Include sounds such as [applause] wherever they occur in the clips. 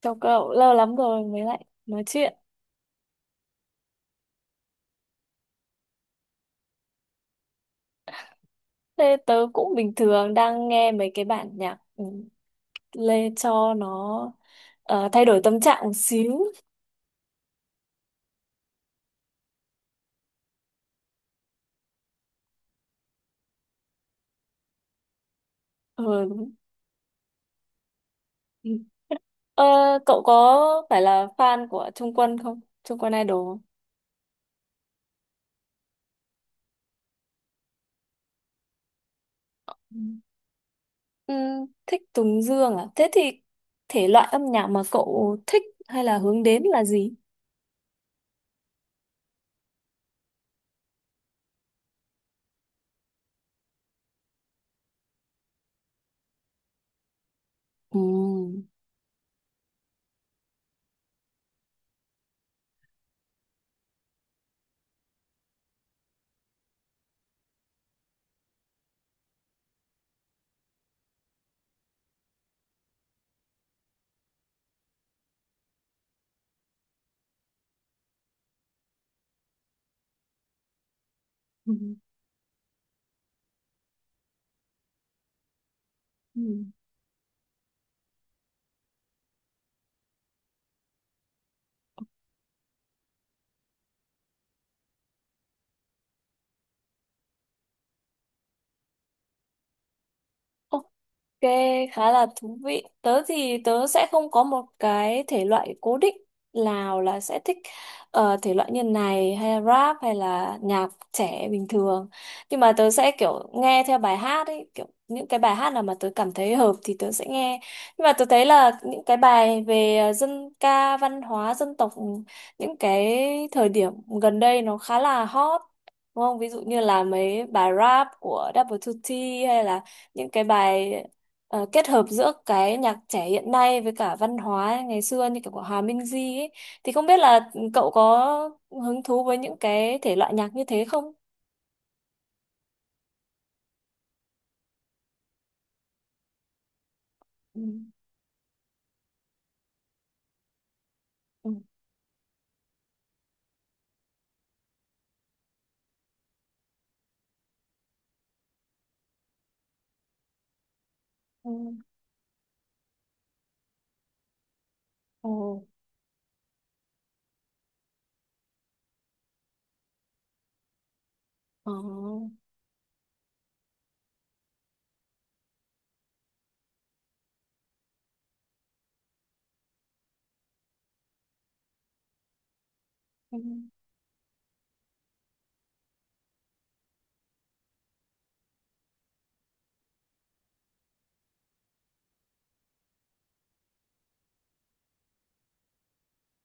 Chào cậu, lâu lắm rồi mới lại nói chuyện. Thế tớ cũng bình thường đang nghe mấy cái bản nhạc, lê cho nó, thay đổi tâm trạng một xíu. Ừ, đúng. Ừ. Ờ, Cậu có phải là fan của Trung Quân không? Trung Quân Idol không? Ừ. Ừ, thích Tùng Dương à? Thế thì thể loại âm nhạc mà cậu thích hay là hướng đến là gì? Ừ. Ừ. Ừ. Ok, khá là thú vị. Tớ thì tớ sẽ không có một cái thể loại cố định nào là sẽ thích, thể loại như này hay rap hay là nhạc trẻ bình thường. Nhưng mà tớ sẽ kiểu nghe theo bài hát ấy, kiểu những cái bài hát nào mà tớ cảm thấy hợp thì tớ sẽ nghe. Nhưng mà tớ thấy là những cái bài về dân ca, văn hóa, dân tộc những cái thời điểm gần đây nó khá là hot. Đúng không? Ví dụ như là mấy bài rap của Double 2T, hay là những cái bài kết hợp giữa cái nhạc trẻ hiện nay với cả văn hóa ngày xưa như kiểu của Hòa Minh Di ấy, thì không biết là cậu có hứng thú với những cái thể loại nhạc như thế không? Ừ. Ừ. Ừ. Ồ. Ờ. Ừ.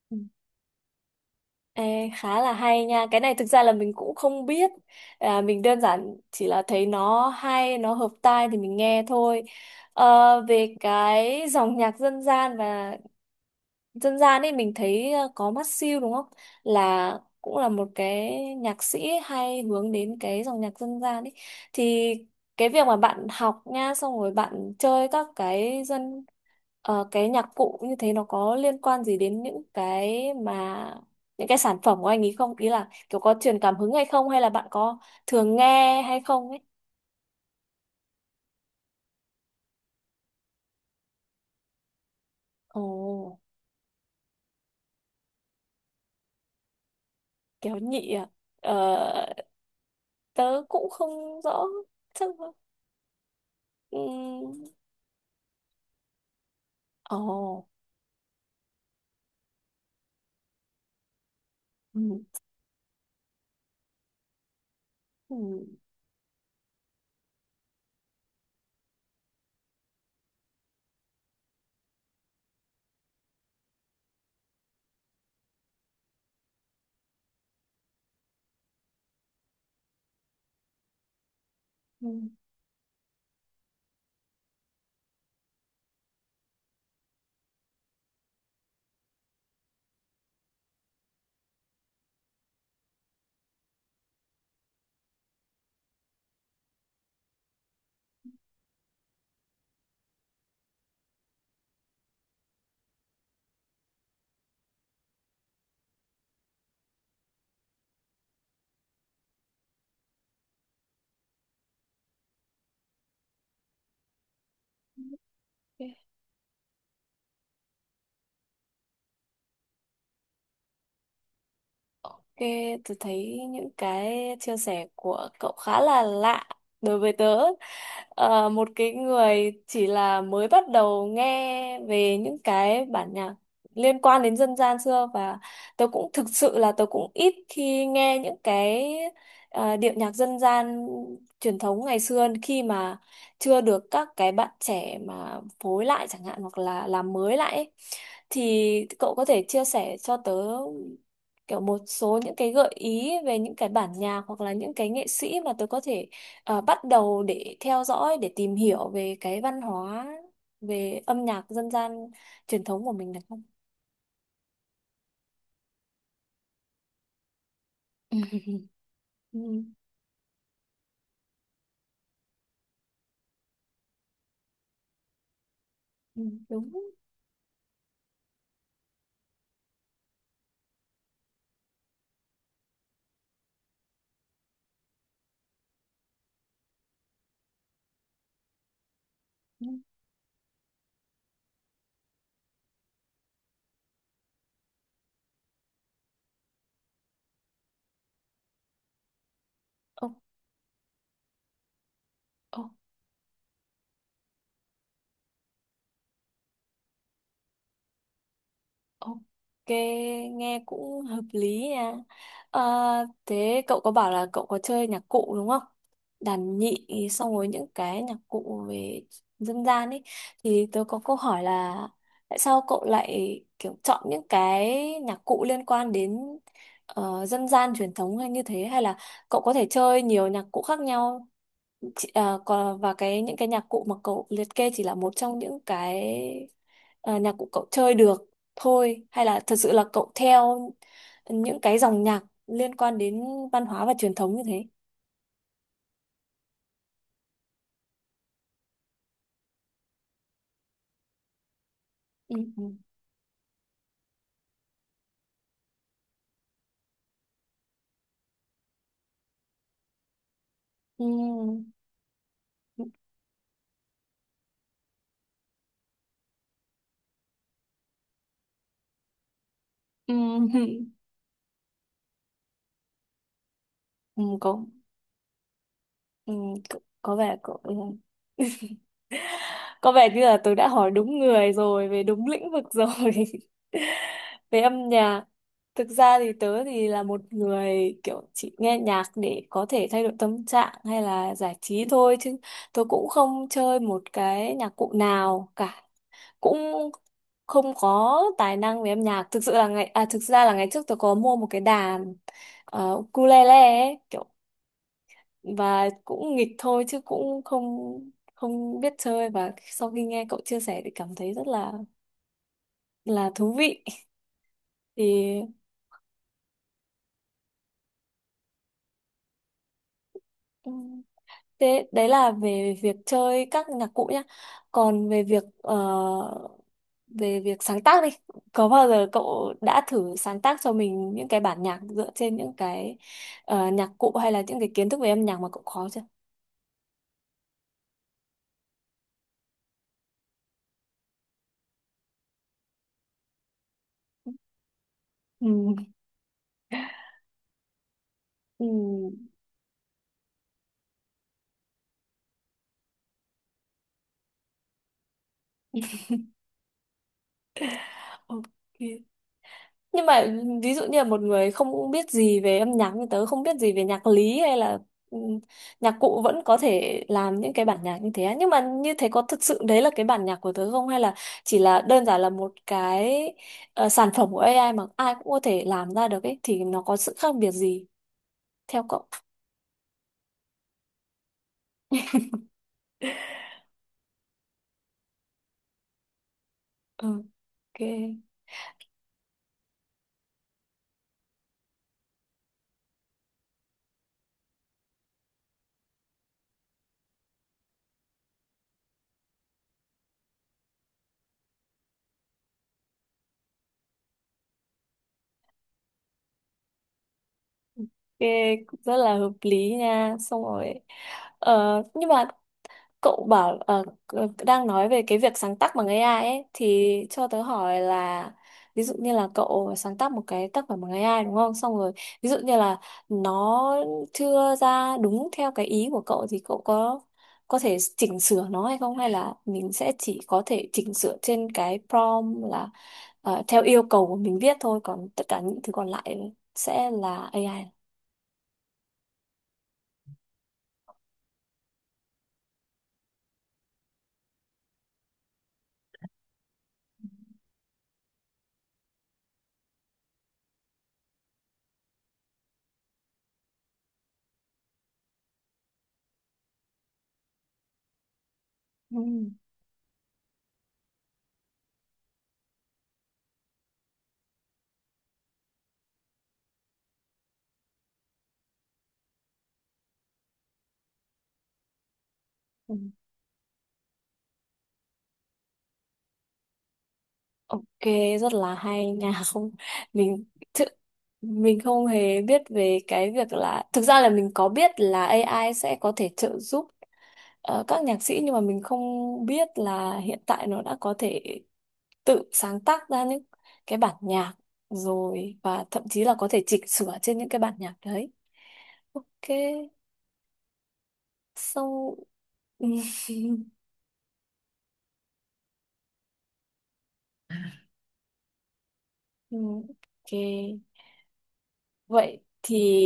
Ừ. Ê, khá là hay nha. Cái này thực ra là mình cũng không biết. À, mình đơn giản chỉ là thấy nó hay, nó hợp tai thì mình nghe thôi. Ờ, về cái dòng nhạc dân gian và dân gian ấy mình thấy có mắt siêu đúng không, là cũng là một cái nhạc sĩ hay hướng đến cái dòng nhạc dân gian ấy. Thì cái việc mà bạn học nha, xong rồi bạn chơi các cái dân cái nhạc cụ như thế, nó có liên quan gì đến những cái mà những cái sản phẩm của anh ấy không, ý là kiểu có truyền cảm hứng hay không, hay là bạn có thường nghe hay không ấy? Ồ, kéo nhị à? ờ, Tớ cũng không rõ, chắc ừm, ồ. Ừ. Ừ. Ừ. Ok, tôi thấy những cái chia sẻ của cậu khá là lạ đối với tớ. Ờ, một cái người chỉ là mới bắt đầu nghe về những cái bản nhạc liên quan đến dân gian xưa, và tôi cũng thực sự là tôi cũng ít khi nghe những cái điệu nhạc dân gian truyền thống ngày xưa khi mà chưa được các cái bạn trẻ mà phối lại chẳng hạn, hoặc là làm mới lại ấy. Thì cậu có thể chia sẻ cho tớ kiểu một số những cái gợi ý về những cái bản nhạc hoặc là những cái nghệ sĩ mà tớ có thể bắt đầu để theo dõi, để tìm hiểu về cái văn hóa, về âm nhạc dân gian truyền thống của mình được không? [laughs] Ừ, ừ, đúng. Ừ, ok. Ok, nghe cũng hợp lý nha. Ờ, thế cậu có bảo là cậu có chơi nhạc cụ đúng không? Đàn nhị, xong rồi những cái nhạc cụ về dân gian ấy, thì tớ có câu hỏi là tại sao cậu lại kiểu chọn những cái nhạc cụ liên quan đến dân gian truyền thống hay như thế, hay là cậu có thể chơi nhiều nhạc cụ khác nhau? Còn và cái những cái nhạc cụ mà cậu liệt kê chỉ là một trong những cái nhạc cụ cậu chơi được thôi, hay là thật sự là cậu theo những cái dòng nhạc liên quan đến văn hóa và truyền thống như thế? Ừ. Ừ. Ừ. Ừ. Ừ. Có, ừ. Có vẻ cậu, ừ, có vẻ như là tôi đã hỏi đúng người rồi, về đúng lĩnh vực rồi. [laughs] Về âm nhạc, thực ra thì tớ thì là một người kiểu chỉ nghe nhạc để có thể thay đổi tâm trạng hay là giải trí thôi, chứ tôi cũng không chơi một cái nhạc cụ nào cả, cũng không có tài năng về âm nhạc. Thực sự là ngày à, thực ra là ngày trước tôi có mua một cái đàn ukulele ấy, kiểu, và cũng nghịch thôi chứ cũng không không biết chơi, và sau khi nghe cậu chia sẻ thì cảm thấy rất là thú vị. [laughs] Thì ừm, thế đấy là về việc chơi các nhạc cụ nhá, còn về việc về việc sáng tác đi, có bao giờ cậu đã thử sáng tác cho mình những cái bản nhạc dựa trên những cái nhạc cụ hay là những cái kiến thức về âm nhạc mà cậu có chưa? Ừ. Ừ. Ok. Nhưng mà ví dụ như là một người không biết gì về âm nhạc như tớ, không biết gì về nhạc lý hay là ừ, nhạc cụ, vẫn có thể làm những cái bản nhạc như thế á. Nhưng mà như thế có thực sự đấy là cái bản nhạc của tớ không, hay là chỉ là đơn giản là một cái sản phẩm của AI mà ai cũng có thể làm ra được ấy, thì nó có sự khác biệt gì theo cậu? Ừ. Ok. Ok, cũng rất là hợp lý nha. Xong rồi, nhưng mà cậu bảo, đang nói về cái việc sáng tác bằng AI ấy, thì cho tớ hỏi là ví dụ như là cậu sáng tác một cái tác phẩm bằng AI đúng không, xong rồi ví dụ như là nó chưa ra đúng theo cái ý của cậu, thì cậu có thể chỉnh sửa nó hay không, hay là mình sẽ chỉ có thể chỉnh sửa trên cái prompt, là theo yêu cầu của mình viết thôi, còn tất cả những thứ còn lại sẽ là AI? Ừ. Ừ. Ok, rất là hay nha. [laughs] Không, mình thực mình không hề biết về cái việc là, thực ra là mình có biết là AI sẽ có thể trợ giúp các nhạc sĩ, nhưng mà mình không biết là hiện tại nó đã có thể tự sáng tác ra những cái bản nhạc rồi, và thậm chí là có thể chỉnh sửa trên những cái bản nhạc đấy. Ok, xong. [laughs] Ừ, ok. Vậy thì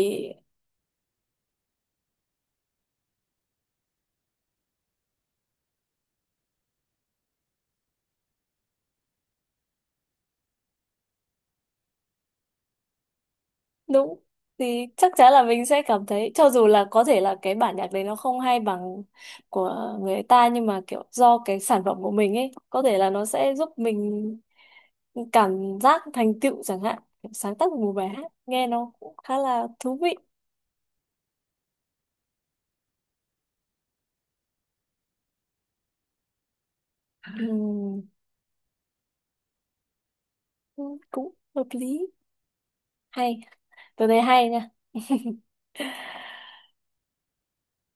đúng, thì chắc chắn là mình sẽ cảm thấy cho dù là có thể là cái bản nhạc đấy nó không hay bằng của người ta, nhưng mà kiểu do cái sản phẩm của mình ấy, có thể là nó sẽ giúp mình cảm giác thành tựu chẳng hạn. Sáng tác một bài hát nghe nó cũng khá là thú vị. Ừm, cũng hợp lý. Hay, tôi thấy hay nha.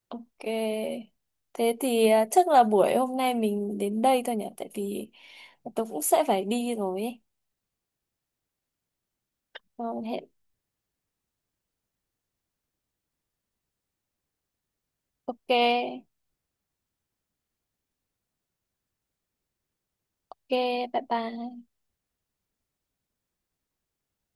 Ok. Thế thì à, chắc là buổi hôm nay mình đến đây thôi nhỉ? Tại vì tôi cũng sẽ phải đi rồi ấy. Ờ, hẹn. Ok. Ok. Bye bye.